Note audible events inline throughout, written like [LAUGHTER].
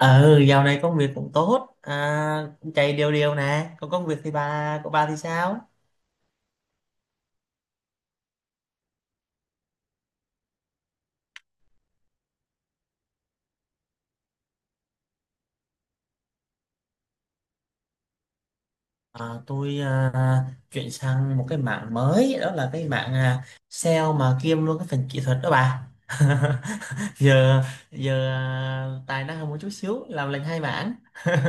Ừ, dạo này công việc cũng tốt, cũng chạy đều đều nè. Còn công việc thì của bà thì sao? Tôi chuyển sang một cái mảng mới, đó là cái mảng sale mà kiêm luôn cái phần kỹ thuật đó bà. [LAUGHS] giờ giờ à, tài năng hơn một chút xíu, làm lành hai mảng. [LAUGHS]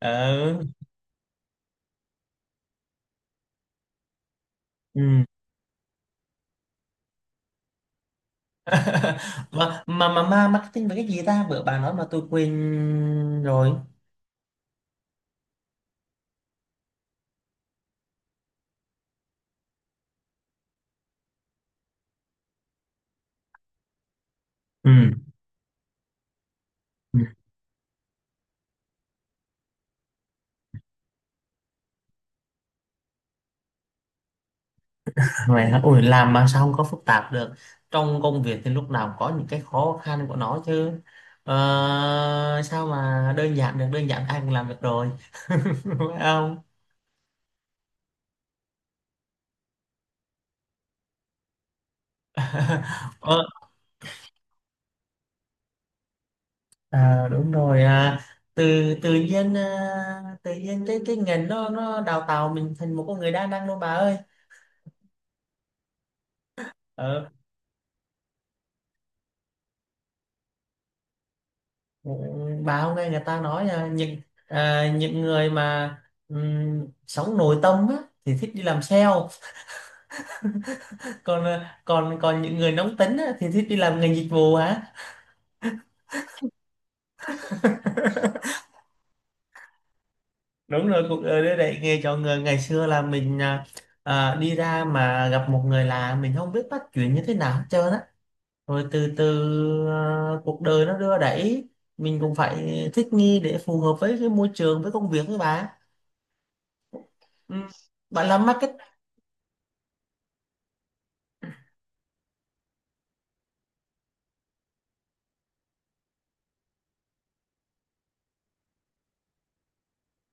Ừ. Ừ. [LAUGHS] Mà marketing về cái gì ta, bữa bà nói mà tôi quên rồi. Ừ. Vậy hả? Ui, làm mà sao không có phức tạp được, trong công việc thì lúc nào cũng có những cái khó khăn của nó chứ, sao mà đơn giản được, đơn giản ai cũng làm được rồi. [LAUGHS] Phải không? ờ, đúng rồi. Từ tự nhiên à, tự nhiên cái ngành nó đào tạo mình thành một con người đa năng luôn bà ơi. Ờ, ừ, bà hôm nay người ta nói, những người mà sống nội tâm á, thì thích đi làm sale, còn ờ, còn còn những người nóng tính á, thì thích đi làm ngành dịch vụ hả. Đúng rồi, cuộc đời đưa đẩy nghề chọn người. Ngày xưa là mình đi ra mà gặp một người lạ mình không biết bắt chuyện như thế nào hết trơn á. Rồi từ từ, cuộc đời nó đưa đẩy mình cũng phải thích nghi để phù hợp với cái môi trường, với công việc, với bà. Ừ. Bạn làm market.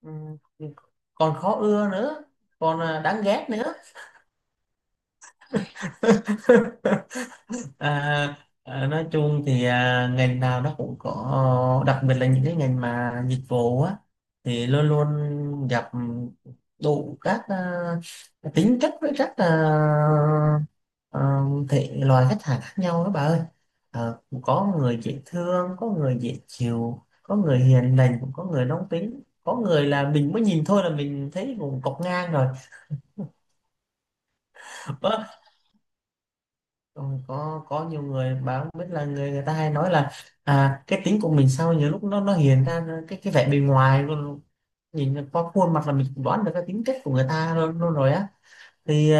Ừ. Còn khó ưa nữa, còn đáng ghét nữa. [LAUGHS] À, nói chung thì ngành nào nó cũng có, đặc biệt là những cái ngành mà dịch vụ á, thì luôn luôn gặp đủ các tính chất với các à, thể loại khách hàng khác nhau đó bà ơi. Cũng có người dễ thương, có người dễ chịu, có người hiền lành, cũng có người nóng tính, có người là mình mới nhìn thôi là mình thấy cũng cọc ngang rồi. Rồi có nhiều người báo biết là người người ta hay nói là, cái tính của mình sao nhiều lúc nó hiện ra cái vẻ bề ngoài luôn. Nhìn qua khuôn mặt là mình cũng đoán được cái tính cách của người ta luôn, luôn rồi á. Thì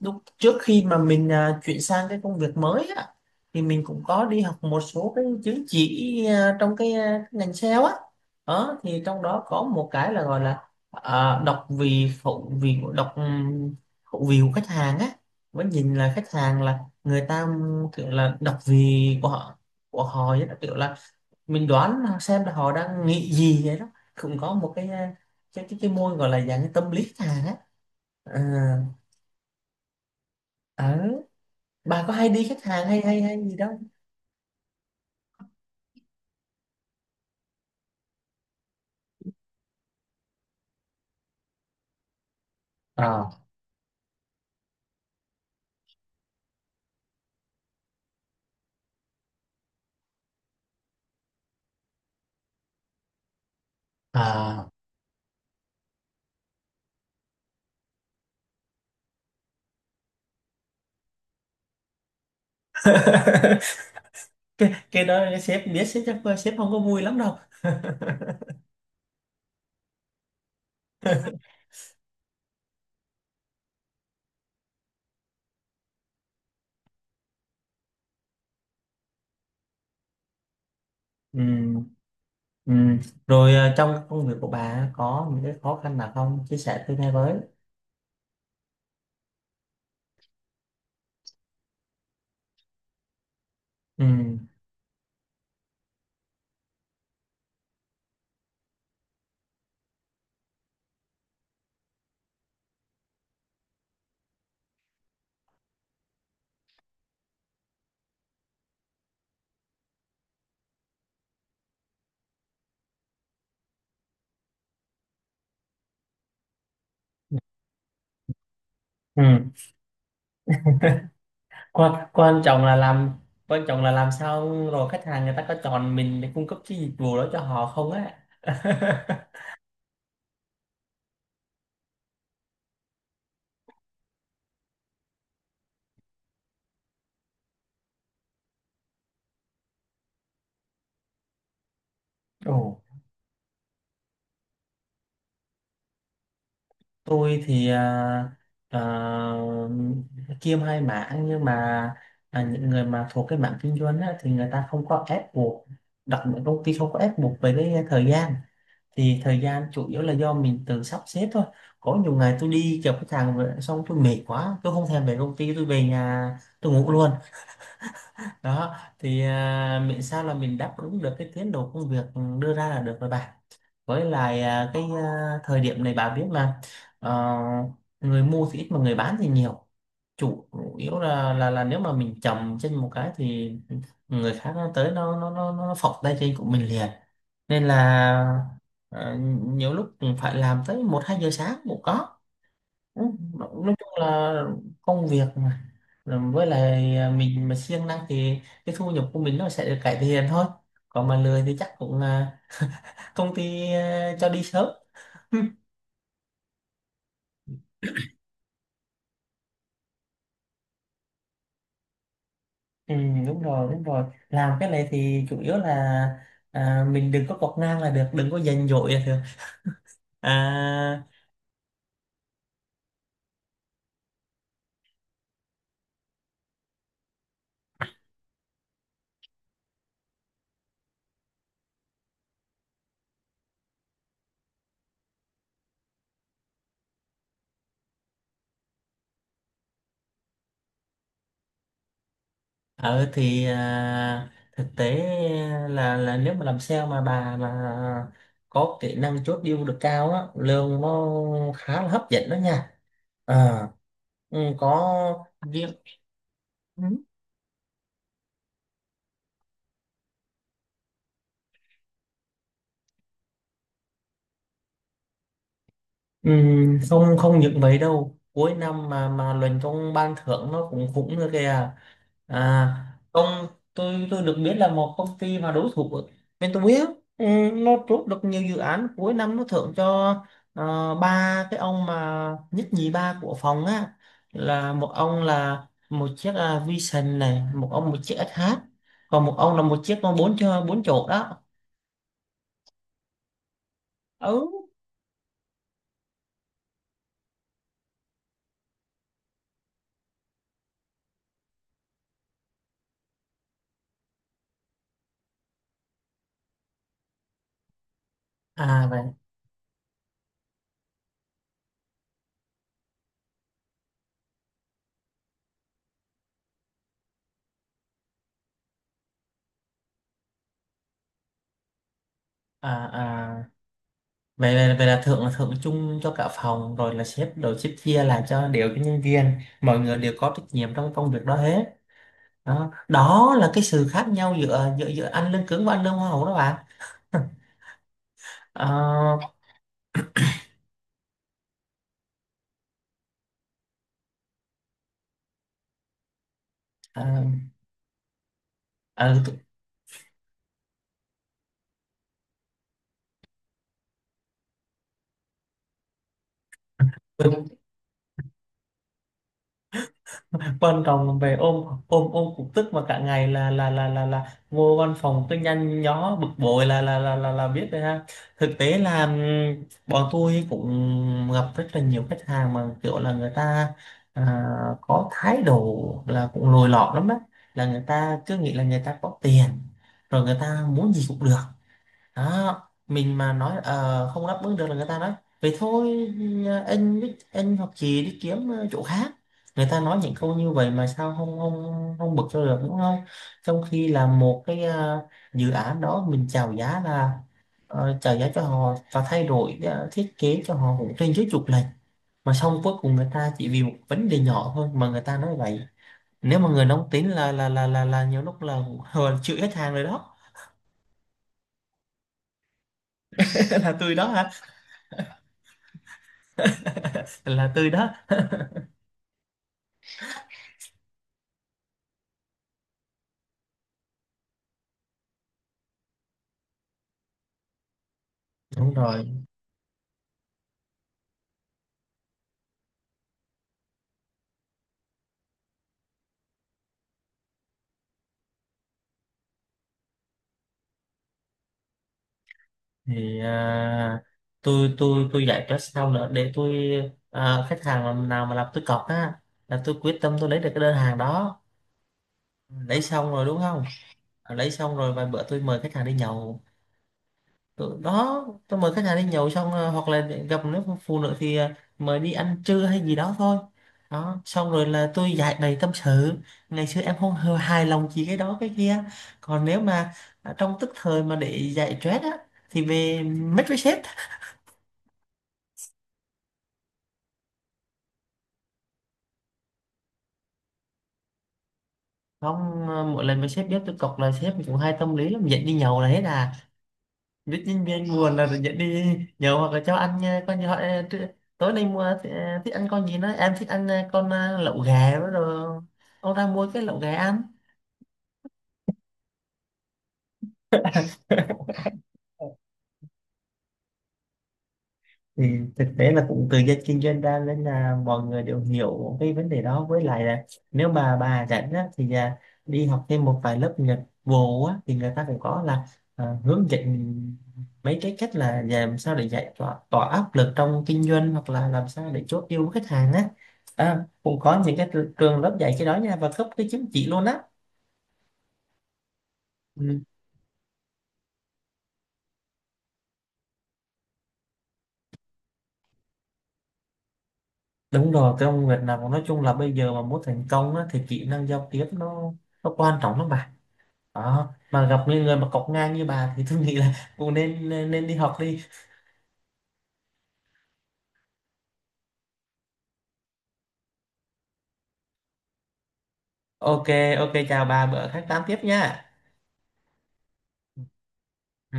lúc trước khi mà mình chuyển sang cái công việc mới á, thì mình cũng có đi học một số cái chứng chỉ trong cái ngành sale á. Đó thì trong đó có một cái là gọi là đọc vì phụ vị đọc, khẩu vị của khách hàng á. Mới nhìn là khách hàng là người ta kiểu là đọc vị của họ vậy đó, kiểu là mình đoán xem là họ đang nghĩ gì vậy đó. Cũng có một cái à, cái cái môn gọi là dạng tâm lý khách hàng á. Ờ. Ờ. Bà có hay đi khách hàng hay hay hay gì đâu. à à [LAUGHS] cái đó sếp biết, sếp chắc sếp không có vui lắm đâu. Ừ. Ừ. Ừ. Rồi trong công việc của bà có những cái khó khăn nào không, chia sẻ tôi nghe với. Ừ. Ừ. Quan, quan trọng là làm quan trọng là làm sao rồi khách hàng người ta có chọn mình để cung cấp cái dịch vụ đó cho họ không á. [LAUGHS] Ồ. Tôi thì à, kiêm hai mảng, nhưng mà những người mà thuộc cái mảng kinh doanh á, thì người ta không có ép buộc, đặc biệt công ty không có ép buộc về cái thời gian. Thì thời gian chủ yếu là do mình tự sắp xếp thôi. Có nhiều ngày tôi đi gặp khách hàng về, xong tôi mệt quá, tôi không thèm về công ty, tôi về nhà tôi ngủ luôn. Đó thì miễn sao là mình đáp ứng được cái tiến độ công việc đưa ra là được rồi bạn. Với lại cái thời điểm này bà biết là ờ, người mua thì ít mà người bán thì nhiều. Chủ yếu là, là nếu mà mình chậm trên một cái thì người khác nó tới nó phọc tay trên của mình liền, nên là ờ, nhiều lúc cũng phải làm tới 1-2 giờ sáng cũng có. Ừ, nói chung là công việc mà. Rồi với lại, mình mà siêng năng thì cái thu nhập của mình nó sẽ được cải thiện thôi, còn mà lười thì chắc cũng công ty cho đi sớm. Ừ, đúng rồi, đúng rồi. Làm cái này thì chủ yếu là mình đừng có quạt ngang là được, đừng có giành giỏi là được. à, thực tế là, nếu mà làm sale mà bà mà có kỹ năng chốt deal được cao á, lương nó khá là hấp dẫn đó nha. À, ừ, có việc. Ừ, ừ, không không những mấy đâu, cuối năm mà luận công ban thưởng nó cũng cũng nữa kìa. à công tôi được biết là một công ty mà đối thủ của bên tôi biết, ừ, nó chốt được nhiều dự án, cuối năm nó thưởng cho ba cái ông mà nhất nhì ba của phòng á, là một ông là một chiếc Vision này, một ông một chiếc SH, còn một ông là một chiếc con bốn cho, bốn chỗ đó. Ừ. À, vậy à à vậy là thưởng là thưởng chung cho cả phòng, rồi là sếp chia lại cho đều cho nhân viên, mọi người đều có trách nhiệm trong công việc đó hết. Đó, đó là cái sự khác nhau giữa giữa giữa ăn lương cứng và ăn lương hoa hậu đó bạn. Ờ. Ờ. Ờ. Văn phòng về ôm ôm ôm cục tức mà cả ngày, là vô văn phòng cứ nhăn nhó bực bội, là biết rồi ha. Thực tế là bọn tôi cũng gặp rất là nhiều khách hàng mà kiểu là người ta à, có thái độ là cũng lồi lọt lắm á, là người ta cứ nghĩ là người ta có tiền rồi người ta muốn gì cũng được. Đó, mình mà nói không đáp ứng được là người ta nói vậy thôi. Anh biết, anh hoặc chị đi kiếm chỗ khác. Người ta nói những câu như vậy mà sao không không không bực cho được, đúng không? Trong khi là một cái dự án đó mình chào giá là chào giá cho họ và thay đổi thiết kế cho họ cũng trên dưới chục lần. Mà xong cuối cùng người ta chỉ vì một vấn đề nhỏ thôi mà người ta nói vậy, nếu mà người nóng tính là nhiều lúc là chịu hết hàng rồi đó. [LAUGHS] Là tôi đó hả? [LAUGHS] Là tôi đó. Đúng rồi. Thì tôi giải quyết xong nữa để tôi nào mà làm tôi cọc á, là tôi quyết tâm tôi lấy được cái đơn hàng đó, lấy xong rồi đúng không? Lấy xong rồi vài bữa tôi mời khách hàng đi nhậu, tôi đó, tôi mời khách hàng đi nhậu xong, hoặc là gặp nếu phụ nữ thì mời đi ăn trưa hay gì đó thôi. Đó, xong rồi là tôi giải bày tâm sự ngày xưa em không hề hài lòng gì cái đó, cái kia. Còn nếu mà trong tức thời mà để giải stress á, thì về mất với sếp. Không, mỗi lần với sếp biết tôi cọc là sếp cũng hay tâm lý lắm, dẫn đi nhậu là hết à. Biết nhân viên buồn là dẫn đi nhậu, hoặc là cho ăn nha, con như họ tối nay mua thích ăn con gì đó, em thích ăn lẩu gà đó rồi, ông ra mua cái lẩu gà ăn. [LAUGHS] Thì thực tế là cũng từ dân kinh doanh ra nên là mọi người đều hiểu cái vấn đề đó. Với lại là nếu mà bà rảnh á, thì đi học thêm một vài lớp Nhật vụ á, thì người ta cũng có là hướng dẫn mấy cái cách là làm sao để giải tỏa áp lực trong kinh doanh, hoặc là làm sao để chốt deal với khách hàng á. Cũng có những cái trường lớp dạy cái đó nha và cấp cái chứng chỉ luôn á. Ừ. Đúng rồi, cái ông Việt nào nói chung là bây giờ mà muốn thành công á, thì kỹ năng giao tiếp nó quan trọng lắm bà. Đó, mà gặp những người mà cọc ngang như bà thì tôi nghĩ là cũng nên nên nên đi học đi. Ok. Ok, chào bà, bữa khác tám tiếp nha. Ừ.